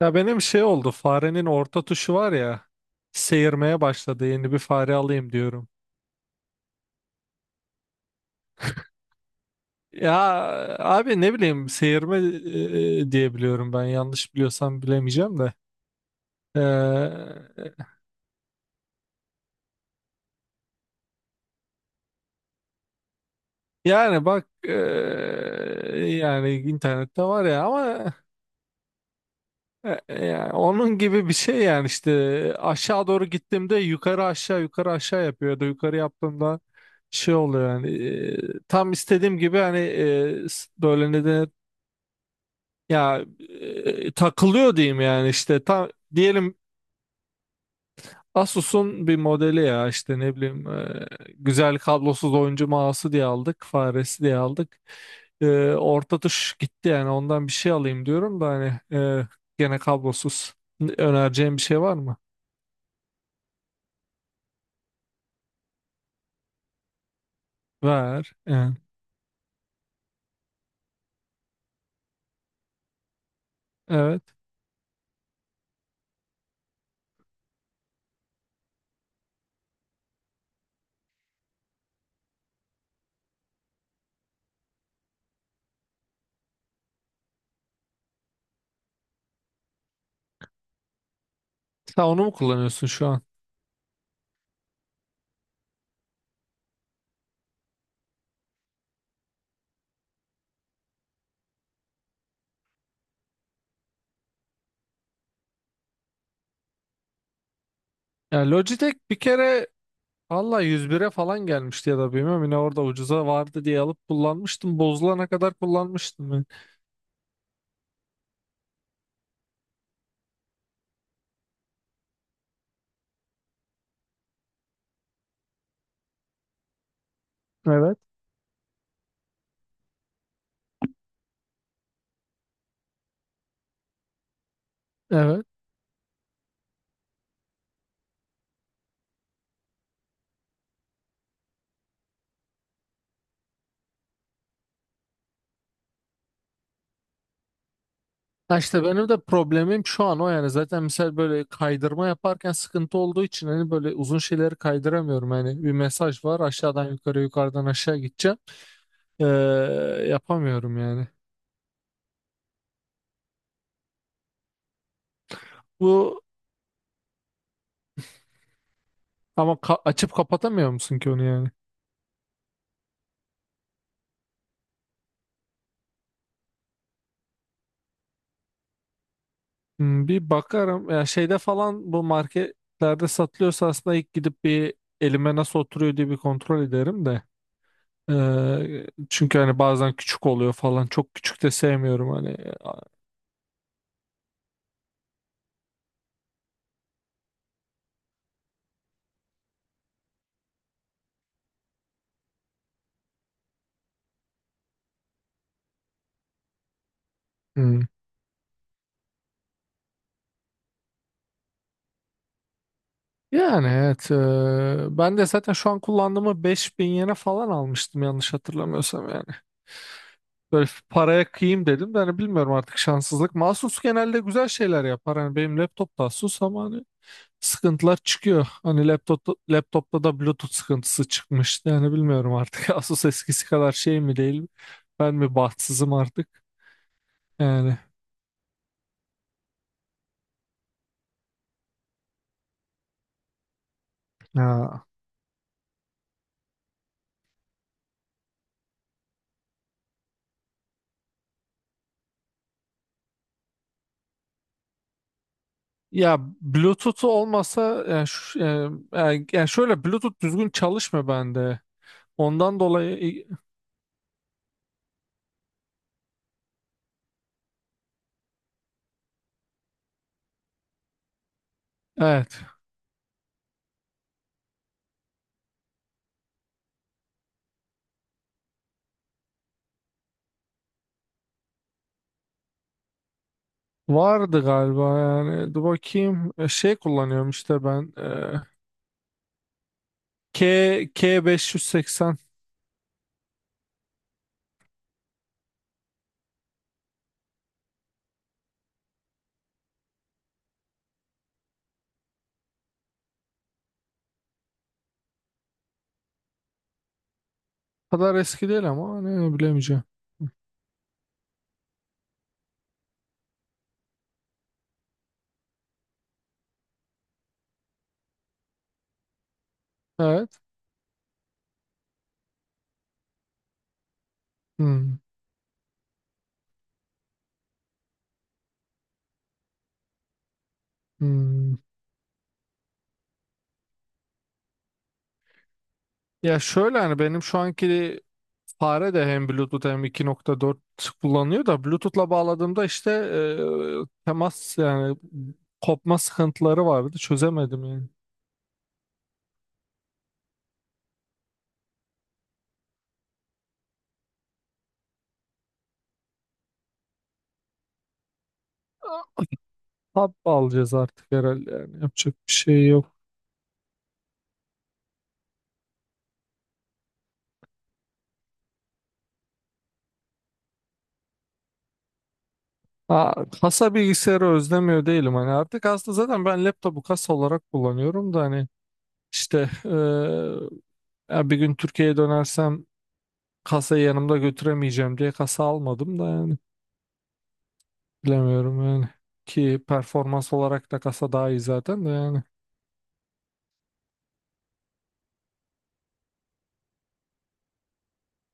Ya benim şey oldu, farenin orta tuşu var ya, seyirmeye başladı. Yeni bir fare alayım diyorum. Ya abi, ne bileyim, seyirme diye biliyorum, ben yanlış biliyorsam bilemeyeceğim de. Ee, Yani bak, yani internette var ya ama yani onun gibi bir şey yani işte aşağı doğru gittiğimde yukarı aşağı yukarı aşağı yapıyor ya da yukarı yaptığımda şey oluyor yani. Tam istediğim gibi hani, böyle ne denir? Ya takılıyor diyeyim yani, işte tam diyelim. Asus'un bir modeli ya, işte ne bileyim, güzel kablosuz oyuncu mouse'u diye aldık, faresi diye aldık. E, Orta tuş gitti yani. Ondan bir şey alayım diyorum da, hani gene kablosuz, önereceğim bir şey var mı? Ver yani. Evet, sen onu mu kullanıyorsun şu an? Ya Logitech bir kere, valla 101'e falan gelmişti ya da bilmiyorum, yine orada ucuza vardı diye alıp kullanmıştım, bozulana kadar kullanmıştım ben. Evet. Ha, işte benim de problemim şu an o yani. Zaten mesela böyle kaydırma yaparken sıkıntı olduğu için hani böyle uzun şeyleri kaydıramıyorum yani. Bir mesaj var, aşağıdan yukarı, yukarıdan aşağı gideceğim. Ee, Yapamıyorum yani. Bu ama açıp kapatamıyor musun ki onu yani? Hmm, bir bakarım ya. Şeyde falan, bu marketlerde satılıyorsa aslında, ilk gidip bir elime nasıl oturuyor diye bir kontrol ederim de. Çünkü hani bazen küçük oluyor falan, çok küçük de sevmiyorum hani. Hmm. Yani evet, ben de zaten şu an kullandığımı 5.000 yene falan almıştım, yanlış hatırlamıyorsam yani. Böyle paraya kıyayım dedim de hani, bilmiyorum, artık şanssızlık. Asus genelde güzel şeyler yapar. Hani benim laptop da Asus ama hani sıkıntılar çıkıyor. Hani laptopta da Bluetooth sıkıntısı çıkmıştı. Yani bilmiyorum artık. Asus eskisi kadar şey mi, değil mi? Ben mi bahtsızım artık? Yani. Ya. Ya Bluetooth'u olmasa yani. Yani şöyle, Bluetooth düzgün çalışmıyor bende. Ondan dolayı evet, vardı galiba yani, dur bakayım. Şey kullanıyorum işte ben, K K580. Kadar eski değil ama, ne bilemeyeceğim. Evet. Hmm, hmm. Ya şöyle hani, benim şu anki fare de hem Bluetooth hem 2.4 kullanıyor da, Bluetooth'la bağladığımda işte temas yani kopma sıkıntıları vardı, çözemedim yani. Hap alacağız artık herhalde yani, yapacak bir şey yok. Aa, kasa bilgisayarı özlemiyor değilim hani, artık aslında zaten ben laptopu kasa olarak kullanıyorum da. Hani işte ya bir gün Türkiye'ye dönersem kasayı yanımda götüremeyeceğim diye kasa almadım da yani, bilemiyorum yani. Ki performans olarak da kasa daha iyi zaten de yani.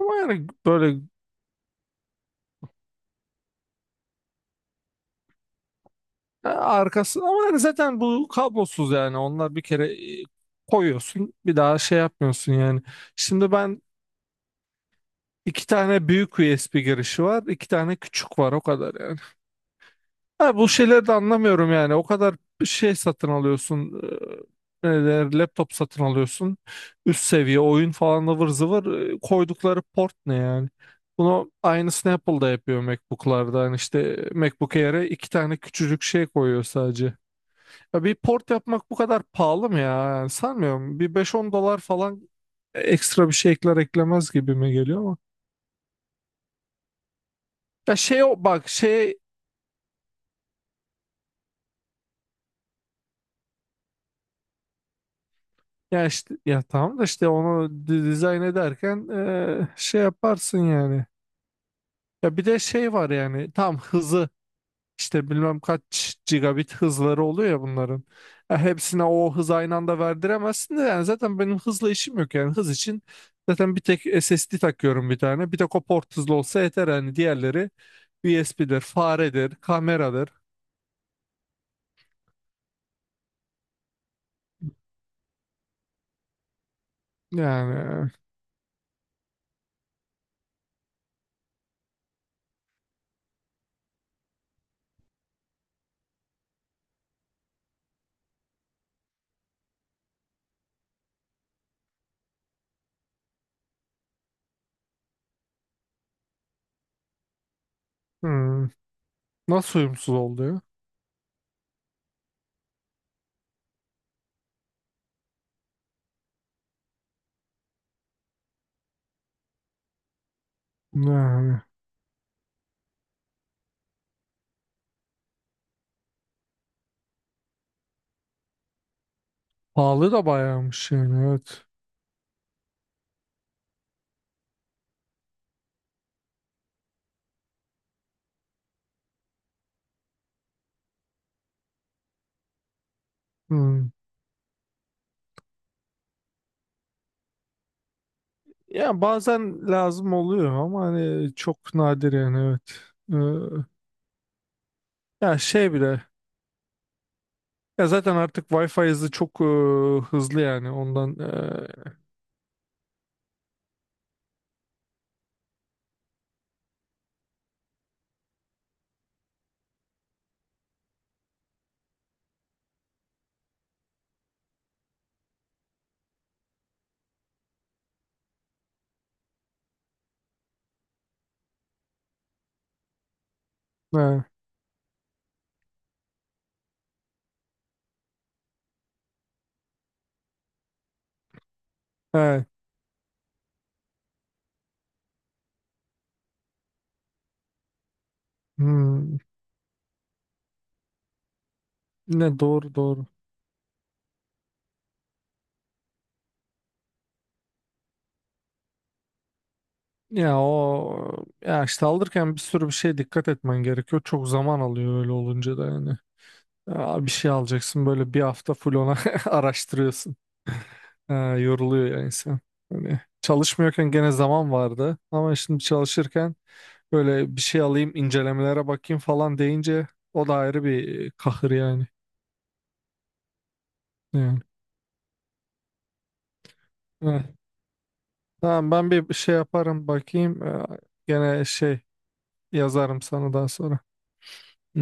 Ama yani böyle, arkası ama yani zaten bu kablosuz yani. Onlar bir kere e, koyuyorsun, bir daha şey yapmıyorsun yani. Şimdi ben, iki tane büyük USB girişi var, iki tane küçük var, o kadar yani. Ha, bu şeyleri de anlamıyorum yani. O kadar şey satın alıyorsun, ne der, laptop satın alıyorsun, üst seviye oyun falan, ıvır zıvır. Koydukları port ne yani? Bunu aynısını Apple da yapıyor MacBook'larda. Yani işte MacBook Air'e iki tane küçücük şey koyuyor sadece. Ya bir port yapmak bu kadar pahalı mı ya? Yani sanmıyorum. Bir beş on dolar falan ekstra bir şey ekler eklemez gibi mi geliyor ama. Ya şey, o bak şey, ya işte, ya tamam da işte onu dizayn ederken şey yaparsın yani. Ya bir de şey var yani, tam hızı işte bilmem kaç gigabit hızları oluyor ya bunların. Ya hepsine o hız aynı anda verdiremezsin de yani, zaten benim hızla işim yok yani. Hız için zaten bir tek SSD takıyorum, bir tane. Bir tek o port hızlı olsa yeter yani. Diğerleri USB'dir, faredir, kameradır. Yani. Hmm, nasıl uyumsuz oluyor? Yani pahalı da bayağımış yani, evet. Hmm. Ya bazen lazım oluyor ama hani çok nadir yani, evet. Ya şey bile, ya zaten artık Wi-Fi hızı çok hızlı yani. Ondan he, he, hmm. Ne doğru, doğru. Ya o, ya işte alırken bir sürü bir şeye dikkat etmen gerekiyor. Çok zaman alıyor öyle olunca da yani. Ya bir şey alacaksın böyle, bir hafta full ona araştırıyorsun. Ha, yoruluyor yani insan. Hani çalışmıyorken gene zaman vardı ama şimdi çalışırken böyle bir şey alayım, incelemelere bakayım falan deyince o da ayrı bir kahır yani. Yani. Evet. Tamam, ben bir şey yaparım, bakayım. Gene şey yazarım sana daha sonra.